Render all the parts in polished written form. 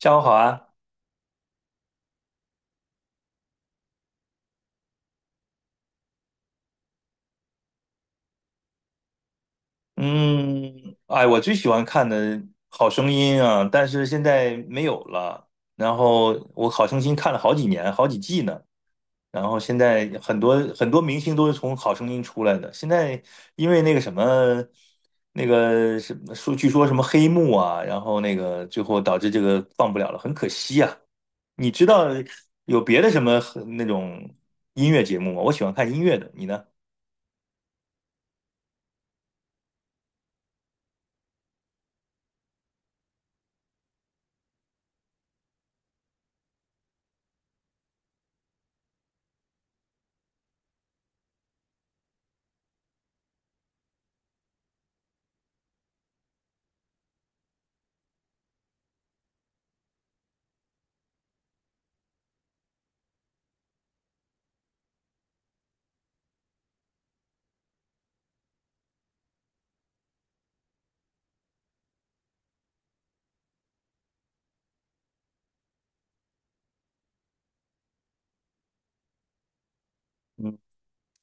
下午好啊。我最喜欢看的《好声音》啊，但是现在没有了。然后我《好声音》看了好几年，好几季呢。然后现在很多很多明星都是从《好声音》出来的。现在因为那个什么说，据说什么黑幕啊，然后那个最后导致这个放不了了，很可惜啊。你知道有别的什么那种音乐节目吗？我喜欢看音乐的，你呢？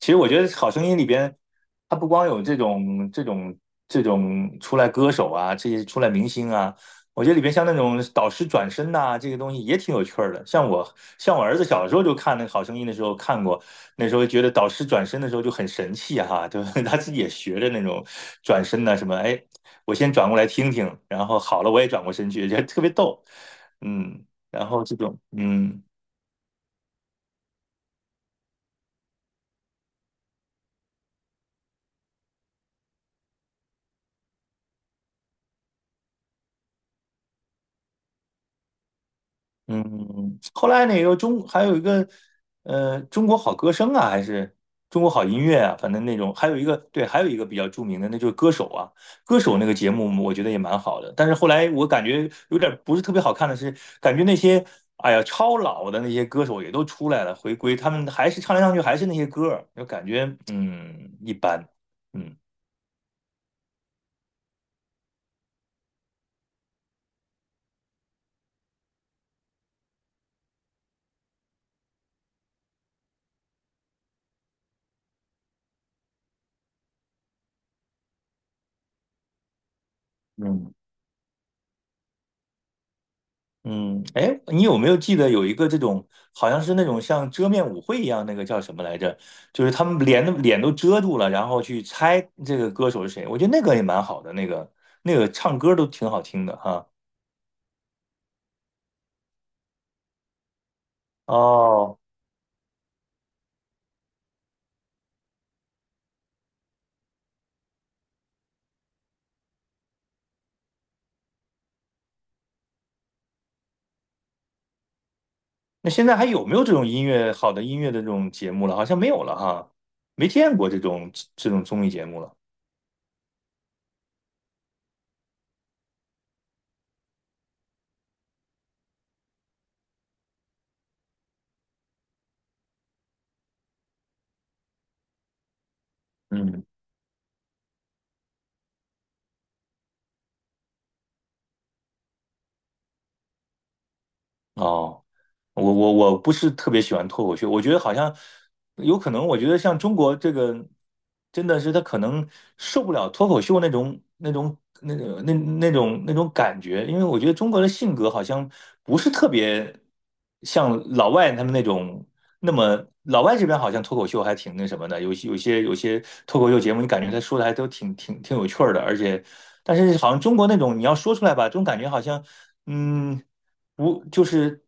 其实我觉得《好声音》里边，它不光有这种出来歌手啊，这些出来明星啊，我觉得里边像那种导师转身呐、这个东西也挺有趣儿的。像我儿子小时候就看那个《好声音》的时候看过，那时候觉得导师转身的时候就很神气哈、就 他自己也学着那种转身呐、什么，哎，我先转过来听听，然后好了我也转过身去，觉得特别逗。嗯，然后这种嗯。嗯，后来那个中还有一个，中国好歌声啊，还是中国好音乐啊，反正那种，还有一个对，还有一个比较著名的，那就是歌手啊，歌手那个节目我觉得也蛮好的，但是后来我感觉有点不是特别好看的是，感觉那些哎呀超老的那些歌手也都出来了回归，他们还是唱来唱去还是那些歌儿就感觉一般。嗯。嗯。嗯，哎，你有没有记得有一个这种，好像是那种像遮面舞会一样，那个叫什么来着？就是他们脸都遮住了，然后去猜这个歌手是谁。我觉得那个也蛮好的，那个那个唱歌都挺好听的哈。哦，那现在还有没有这种音乐好的音乐的这种节目了？好像没有了哈，没见过这种综艺节目了。嗯，哦。我不是特别喜欢脱口秀，我觉得好像有可能，我觉得像中国这个，真的是他可能受不了脱口秀那种感觉，因为我觉得中国的性格好像不是特别像老外他们那种那么，老外这边好像脱口秀还挺那什么的，有些脱口秀节目，你感觉他说的还都挺有趣儿的，而且但是好像中国那种你要说出来吧，这种感觉好像嗯。无就是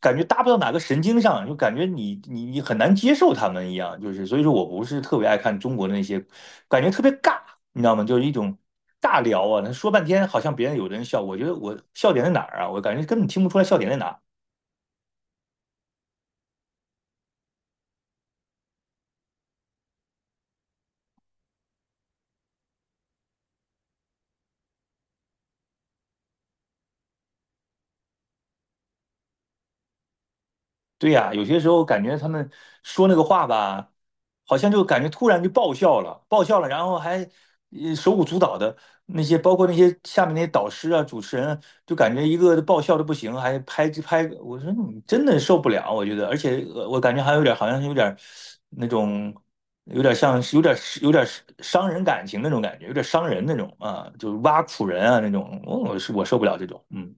感觉搭不到哪个神经上，就感觉你很难接受他们一样，就是所以说我不是特别爱看中国的那些，感觉特别尬，你知道吗？就是一种尬聊啊，他说半天好像别人有的人笑，我觉得我笑点在哪儿啊？我感觉根本听不出来笑点在哪儿。对呀，有些时候感觉他们说那个话吧，好像就感觉突然就爆笑了，然后还手舞足蹈的那些，包括那些下面那些导师啊、主持人啊就感觉一个个爆笑的不行，还拍拍，我说你真的受不了，我觉得，而且我感觉还有点好像有点那种，有点像是有点伤人感情那种感觉，有点伤人那种啊，就是挖苦人啊那种，我是我受不了这种。嗯。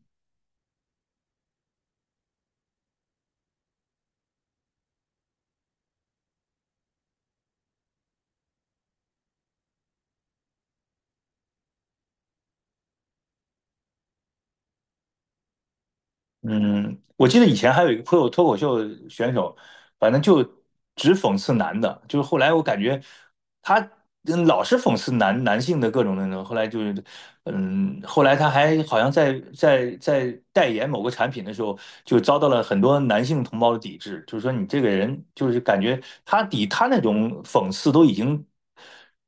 嗯，我记得以前还有一个脱口秀选手，反正就只讽刺男的，就是后来我感觉他老是讽刺男性的各种那种，后来就是后来他还好像在代言某个产品的时候，就遭到了很多男性同胞的抵制，就是说你这个人就是感觉他抵他那种讽刺都已经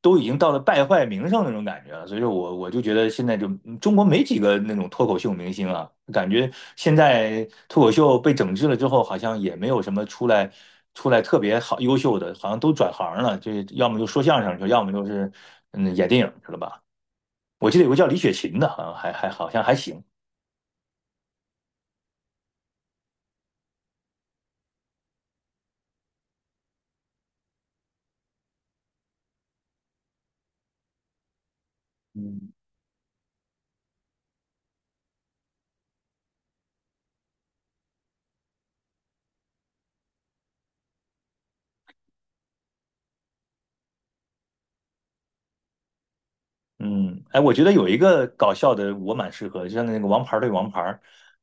都已经到了败坏名声那种感觉了，所以说我就觉得现在就中国没几个那种脱口秀明星啊，感觉现在脱口秀被整治了之后，好像也没有什么出来特别好优秀的，好像都转行了，就要么就说相声去，要么就是演电影去了吧。我记得有个叫李雪琴的，好像还还好像还行。嗯。嗯，哎，我觉得有一个搞笑的我蛮适合的，就像那个《王牌对王牌》，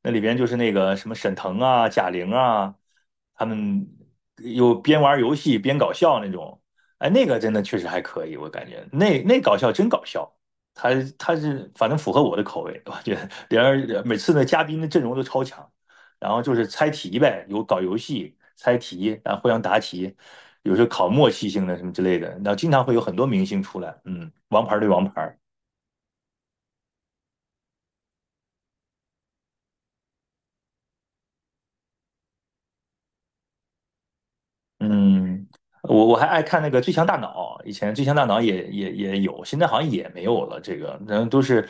那里边就是那个什么沈腾啊、贾玲啊，他们有边玩游戏边搞笑那种。哎，那个真的确实还可以，我感觉那搞笑真搞笑，他他是反正符合我的口味，我觉得连而每次的嘉宾的阵容都超强，然后就是猜题呗，有搞游戏猜题，然后互相答题，有时候考默契性的什么之类的，然后经常会有很多明星出来。嗯，王牌对王牌。嗯，我还爱看那个《最强大脑》，以前《最强大脑也》也有，现在好像也没有了，这个，然后都是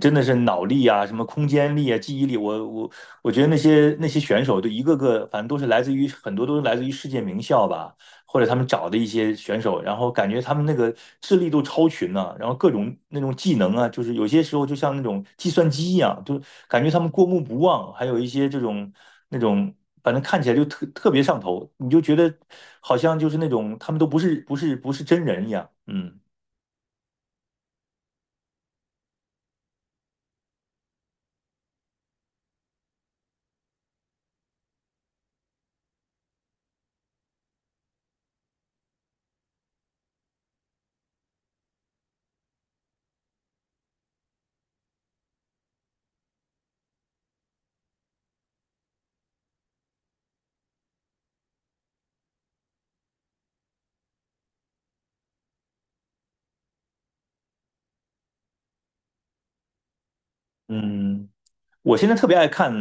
真的是脑力啊，什么空间力啊，记忆力，我觉得那些选手都一个个，反正都是来自于很多都是来自于世界名校吧。或者他们找的一些选手，然后感觉他们那个智力都超群呢、然后各种那种技能啊，就是有些时候就像那种计算机一样，就感觉他们过目不忘，还有一些这种那种，反正看起来就特别上头，你就觉得好像就是那种他们都不是真人一样。嗯。嗯。我现在特别爱看，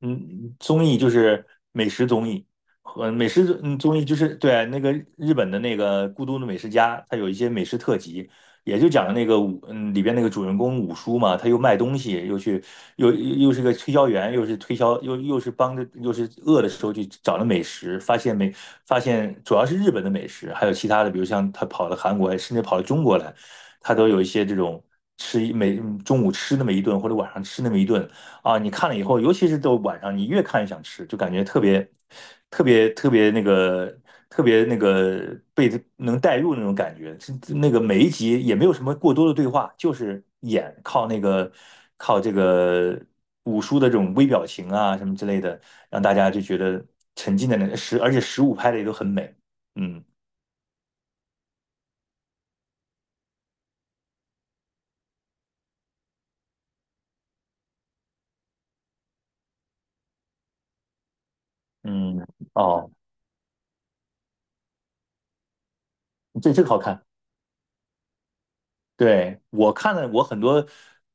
嗯，综艺就是美食综艺和美食综艺，就是对那个日本的那个《孤独的美食家》，它有一些美食特辑，也就讲那个里边那个主人公五叔嘛，他又卖东西，又去又又是个推销员，又是帮着又是饿的时候去找了美食，发现主要是日本的美食，还有其他的，比如像他跑到韩国，甚至跑到中国来，他都有一些这种。吃一每嗯中午吃那么一顿，或者晚上吃那么一顿，啊，你看了以后，尤其是到晚上，你越看越想吃，就感觉特别、特别、特别那个、特别那个被能带入那种感觉。是那个每一集也没有什么过多的对话，就是演靠这个五叔的这种微表情啊什么之类的，让大家就觉得沉浸在那个十，而且十五拍的也都很美。嗯。嗯，哦，这这个好看。对，我看了，我很多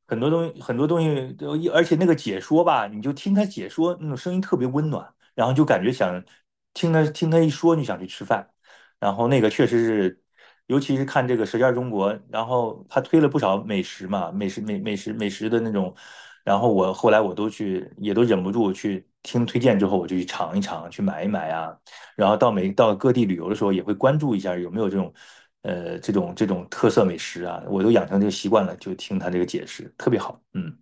很多东西，很多东西都，而且那个解说吧，你就听他解说，那种声音特别温暖，然后就感觉想听他一说，你想去吃饭。然后那个确实是，尤其是看这个《舌尖中国》，然后他推了不少美食嘛，美食的那种，然后后来我都去，也都忍不住去听推荐之后，我就去尝一尝，去买一买啊。然后到每到各地旅游的时候，也会关注一下有没有这种，这种特色美食啊，我都养成这个习惯了，就听他这个解释，特别好。嗯。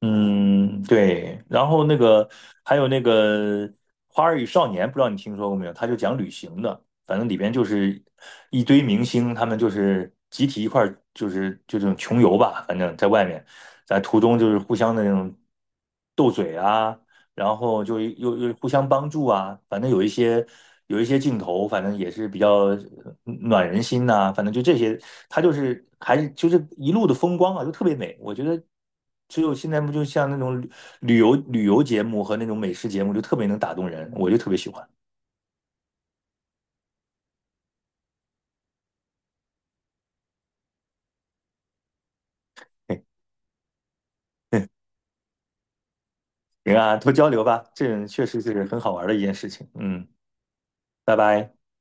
嗯，对。然后那个还有那个《花儿与少年》，不知道你听说过没有？他就讲旅行的，反正里边就是一堆明星，他们就是集体一块儿，就是就这种穷游吧，反正在外面，在途中就是互相的那种斗嘴啊。然后就互相帮助啊，反正有一些镜头，反正也是比较暖人心呐、反正就这些，他就是还是就是一路的风光啊，就特别美。我觉得只有现在不就像那种旅游节目和那种美食节目，就特别能打动人，我就特别喜欢。行啊，多交流吧，这确实是很好玩的一件事情。嗯，拜拜。